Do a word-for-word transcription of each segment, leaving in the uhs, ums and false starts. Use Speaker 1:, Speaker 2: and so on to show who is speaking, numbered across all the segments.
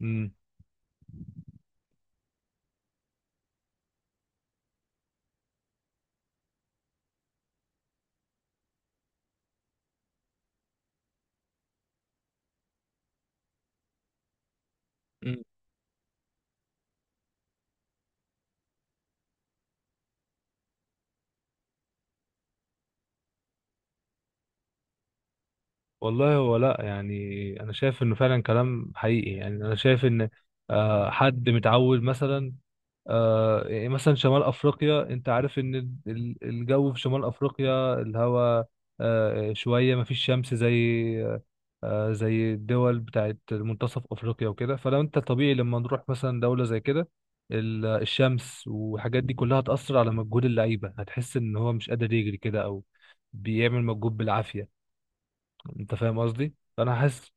Speaker 1: مم. مم. والله، هو لا يعني انا شايف انه فعلا كلام حقيقي. يعني انا شايف ان آه، حد متعود مثلا. آه، يعني مثلا شمال افريقيا، انت عارف ان ال- ال- الجو في شمال افريقيا الهواء آه، شويه، ما فيش شمس زي آه، زي الدول بتاعت منتصف افريقيا وكده. فلو انت طبيعي، لما نروح مثلا دوله زي كده، ال- الشمس والحاجات دي كلها هتأثر على مجهود اللعيبه. هتحس ان هو مش قادر يجري كده، او بيعمل مجهود بالعافيه. انت فاهم قصدي؟ فانا حاسس.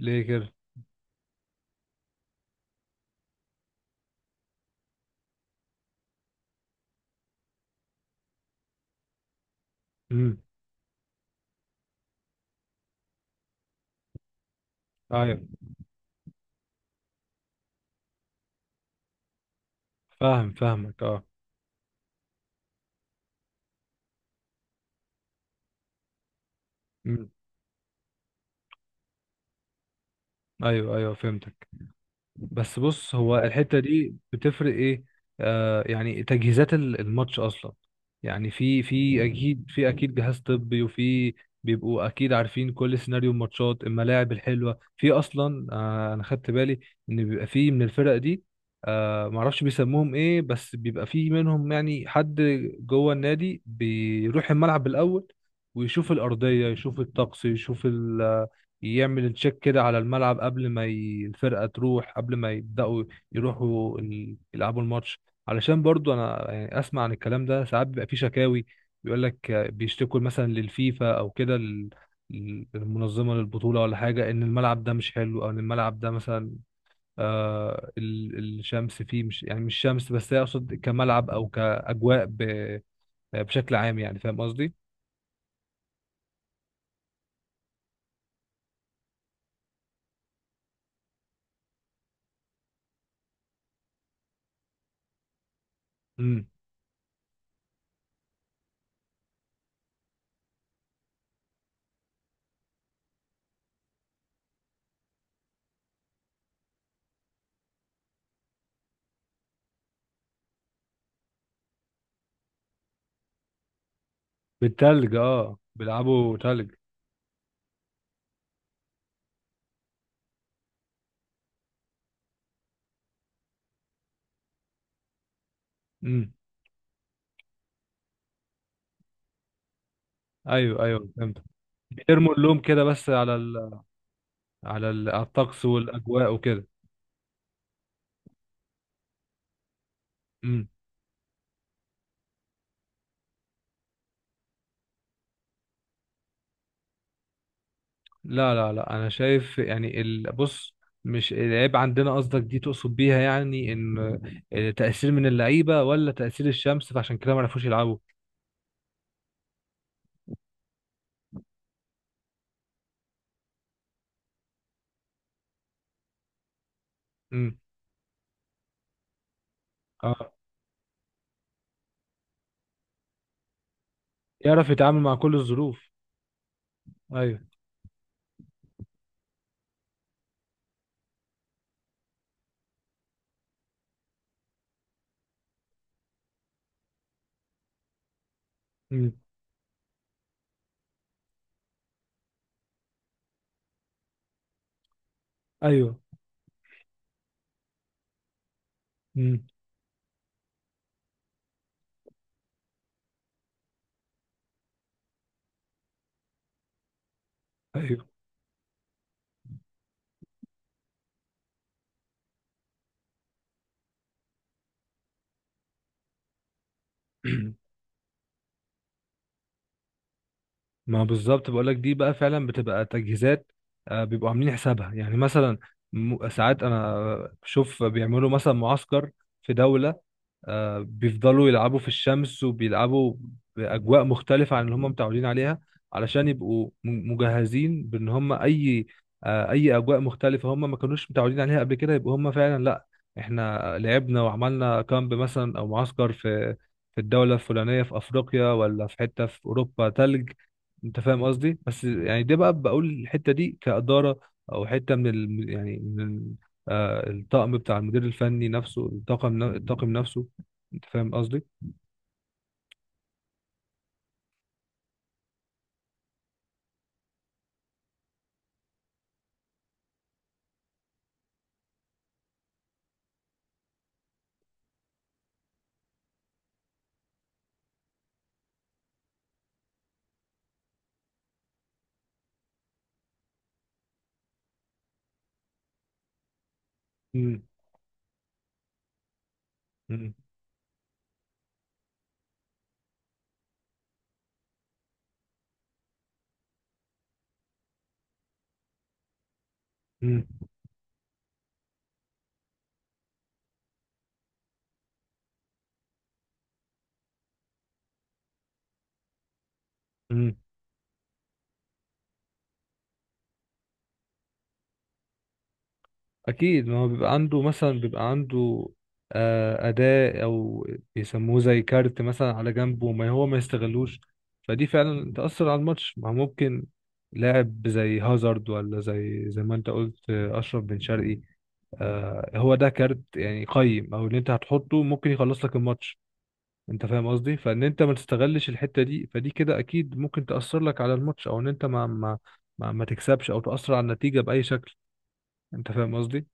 Speaker 1: ليه كده؟ امم. ايوه، فاهم فاهمك. اه. امم. ايوه، ايوه، فهمتك. بس بص، هو الحتة دي بتفرق ايه؟ آه يعني تجهيزات ال- الماتش اصلا. يعني في في اكيد، في اكيد جهاز طبي وفي. بيبقوا اكيد عارفين كل سيناريو الماتشات، الملاعب الحلوة في اصلا. آه انا خدت بالي ان بيبقى في من الفرق دي. آه معرفش بيسموهم ايه، بس بيبقى في منهم، يعني حد جوه النادي بيروح الملعب الاول ويشوف الأرضية، يشوف الطقس، يشوف، يعمل تشيك كده على الملعب قبل ما ي... الفرقة تروح، قبل ما يبدأوا، يروحوا ال- يلعبوا الماتش. علشان برضو انا يعني اسمع عن الكلام ده ساعات بيبقى في شكاوي، بيقول لك بيشتكوا مثلا للفيفا او كده لل- لل- للمنظمة، للبطولة، ولا حاجة، ان الملعب ده مش حلو، او ان الملعب ده مثلا آه ال- الشمس فيه، مش يعني مش شمس بس، هي اقصد كملعب او كأجواء ب... بشكل عام. يعني فاهم قصدي؟ امم. بالتلج، اه بيلعبوا تلج. امم. ايوه ايوه فهمت. ترموا اللوم كده بس على ال... على ال... على الطقس والاجواء وكده. امم. لا لا لا، انا شايف يعني ال... بص، مش العيب عندنا قصدك؟ دي تقصد بيها يعني ان تأثير من اللعيبه، ولا تأثير الشمس فعشان كده ما عرفوش يلعبوا؟ امم. اه، يعرف يتعامل مع كل الظروف. ايوه. امم. ايوه. امم. ايوه. ما بالظبط بقول لك، دي بقى فعلا بتبقى تجهيزات. آه، بيبقوا عاملين حسابها، يعني مثلا م- ساعات انا بشوف بيعملوا مثلا معسكر في دولة. آه، بيفضلوا يلعبوا في الشمس، وبيلعبوا بأجواء مختلفة عن اللي هم متعودين عليها، علشان يبقوا م- مجهزين بأن هم أي آه، أي أجواء مختلفة هم ما كانوش متعودين عليها قبل كده، يبقوا هم فعلا لأ، إحنا لعبنا وعملنا كامب مثلا أو معسكر في في الدولة الفلانية في أفريقيا، ولا في حتة في أوروبا تلج. أنت فاهم قصدي؟ بس يعني ده بقى بقول الحتة دي كإدارة، أو حتة من ال... يعني من ال- آه، الطقم بتاع المدير الفني نفسه. الطاقم الطاقم نفسه. انت فاهم قصدي؟ مم. مم. مم. مم. اكيد، ما هو بيبقى عنده مثلا، بيبقى عنده آه، اداة، او بيسموه زي كارت مثلا على جنبه، ما هو ما يستغلوش. فدي فعلا تأثر على الماتش. ما هو ممكن لاعب زي هازارد، ولا زي زي ما انت قلت، آه، اشرف بن شرقي. آه، هو ده كارت يعني قيم، او اللي انت هتحطه ممكن يخلص لك الماتش. انت فاهم قصدي؟ فان انت ما تستغلش الحته دي، فدي كده اكيد ممكن تاثر لك على الماتش، او ان انت ما ما ما, ما تكسبش، او تاثر على النتيجه باي شكل. انت فاهم قصدي؟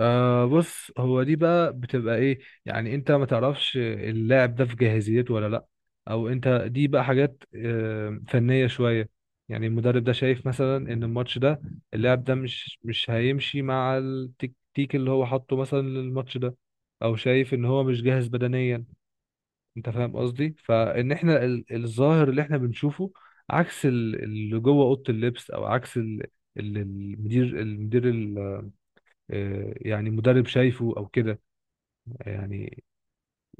Speaker 1: آه بص، هو دي بقى بتبقى ايه؟ يعني انت ما تعرفش اللاعب ده في جاهزيته ولا لا، او انت دي بقى حاجات آه فنيه شويه. يعني المدرب ده شايف مثلا ان الماتش ده، اللاعب ده مش مش هيمشي مع التكتيك اللي هو حاطه مثلا للماتش ده، او شايف ان هو مش جاهز بدنيا. انت فاهم قصدي؟ فان احنا ال- الظاهر اللي احنا بنشوفه عكس ال- اللي جوه اوضه اللبس، او عكس ال- اللي المدير المدير ال- آه، يعني مدرب شايفه او كده. يعني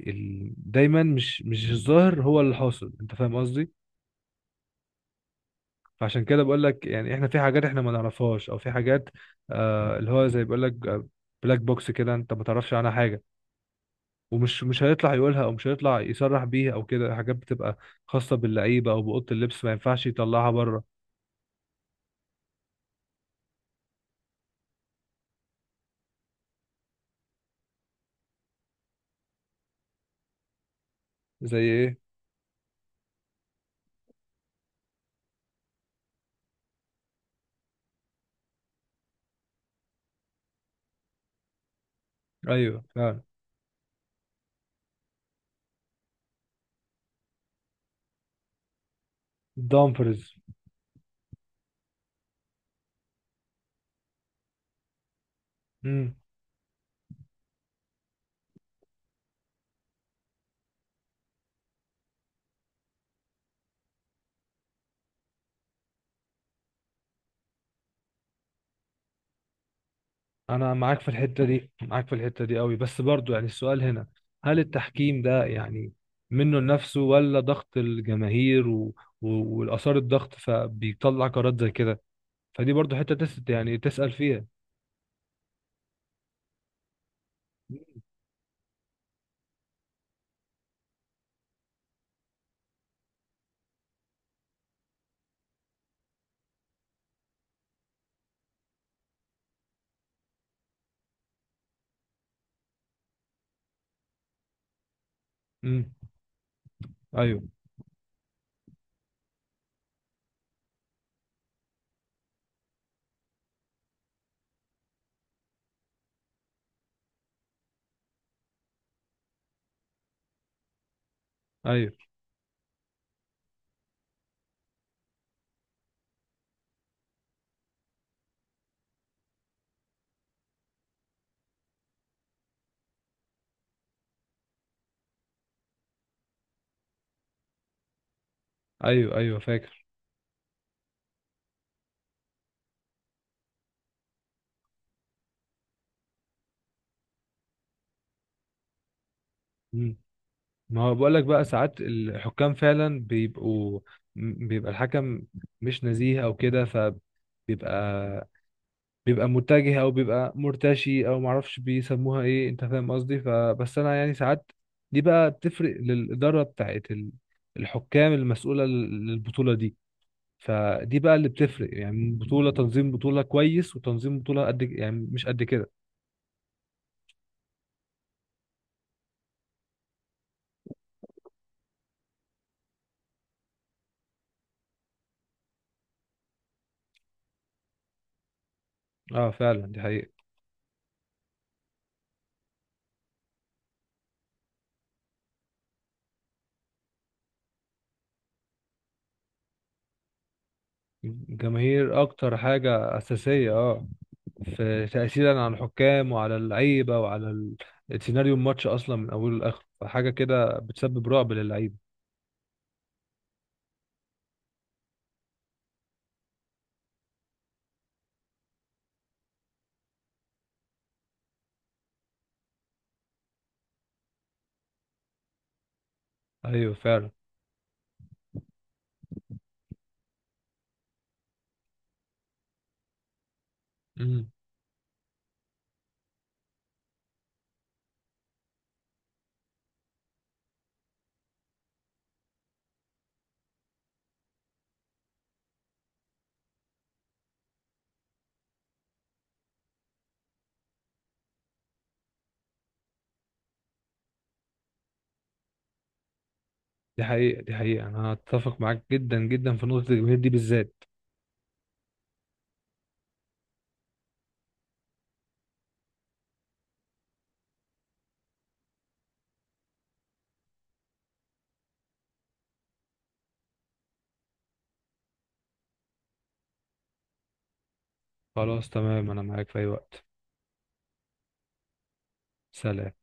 Speaker 1: ال- دايما مش مش الظاهر هو اللي حاصل. انت فاهم قصدي؟ فعشان كده بقول لك يعني احنا في حاجات احنا ما نعرفهاش، او في حاجات آه اللي هو زي بقول لك بلاك بوكس كده، انت ما تعرفش عنها حاجه، ومش مش هيطلع يقولها، او مش هيطلع يصرح بيها، او كده. حاجات بتبقى خاصه باللعيبه او باوضه اللبس، ما ينفعش يطلعها بره. زي ايه؟ ايوه فعلا. الدامبرز. امم. انا معاك في الحته دي، معاك في الحته دي قوي. بس برضو يعني السؤال هنا، هل التحكيم ده يعني منه لنفسه، ولا ضغط الجماهير و... و... والاثار الضغط فبيطلع قرارات زي كده؟ فدي برضو حته تس... يعني تسأل فيها. امم. ايوه ايوه. ايوه ايوه فاكر. امم. ما هو بقول لك بقى ساعات الحكام فعلا بيبقوا م- بيبقى الحكم مش نزيه او كده، فبيبقى بيبقى متجه، او بيبقى مرتشي، او معرفش بيسموها ايه. انت فاهم قصدي؟ فبس انا يعني ساعات، دي بقى بتفرق للاداره بتاعت ال- الحكام المسؤوله لل- للبطوله دي. فدي بقى اللي بتفرق، يعني بطوله تنظيم بطوله كويس، وتنظيم بطوله قد يعني مش قد كده. اه فعلا، دي حقيقه. الجماهير اكتر حاجه اساسيه، اه، في تاثيرا على الحكام وعلى اللعيبه وعلى ال- سيناريو الماتش اصلا من اوله لاخره. فحاجه كده بتسبب رعب للعيبه. ايوه فعلا. مم. دي حقيقة، دي حقيقة، أنا أتفق معاك جدا جدا في نقطة الجماهير دي بالذات. خلاص تمام، أنا معاك في أي وقت. سلام.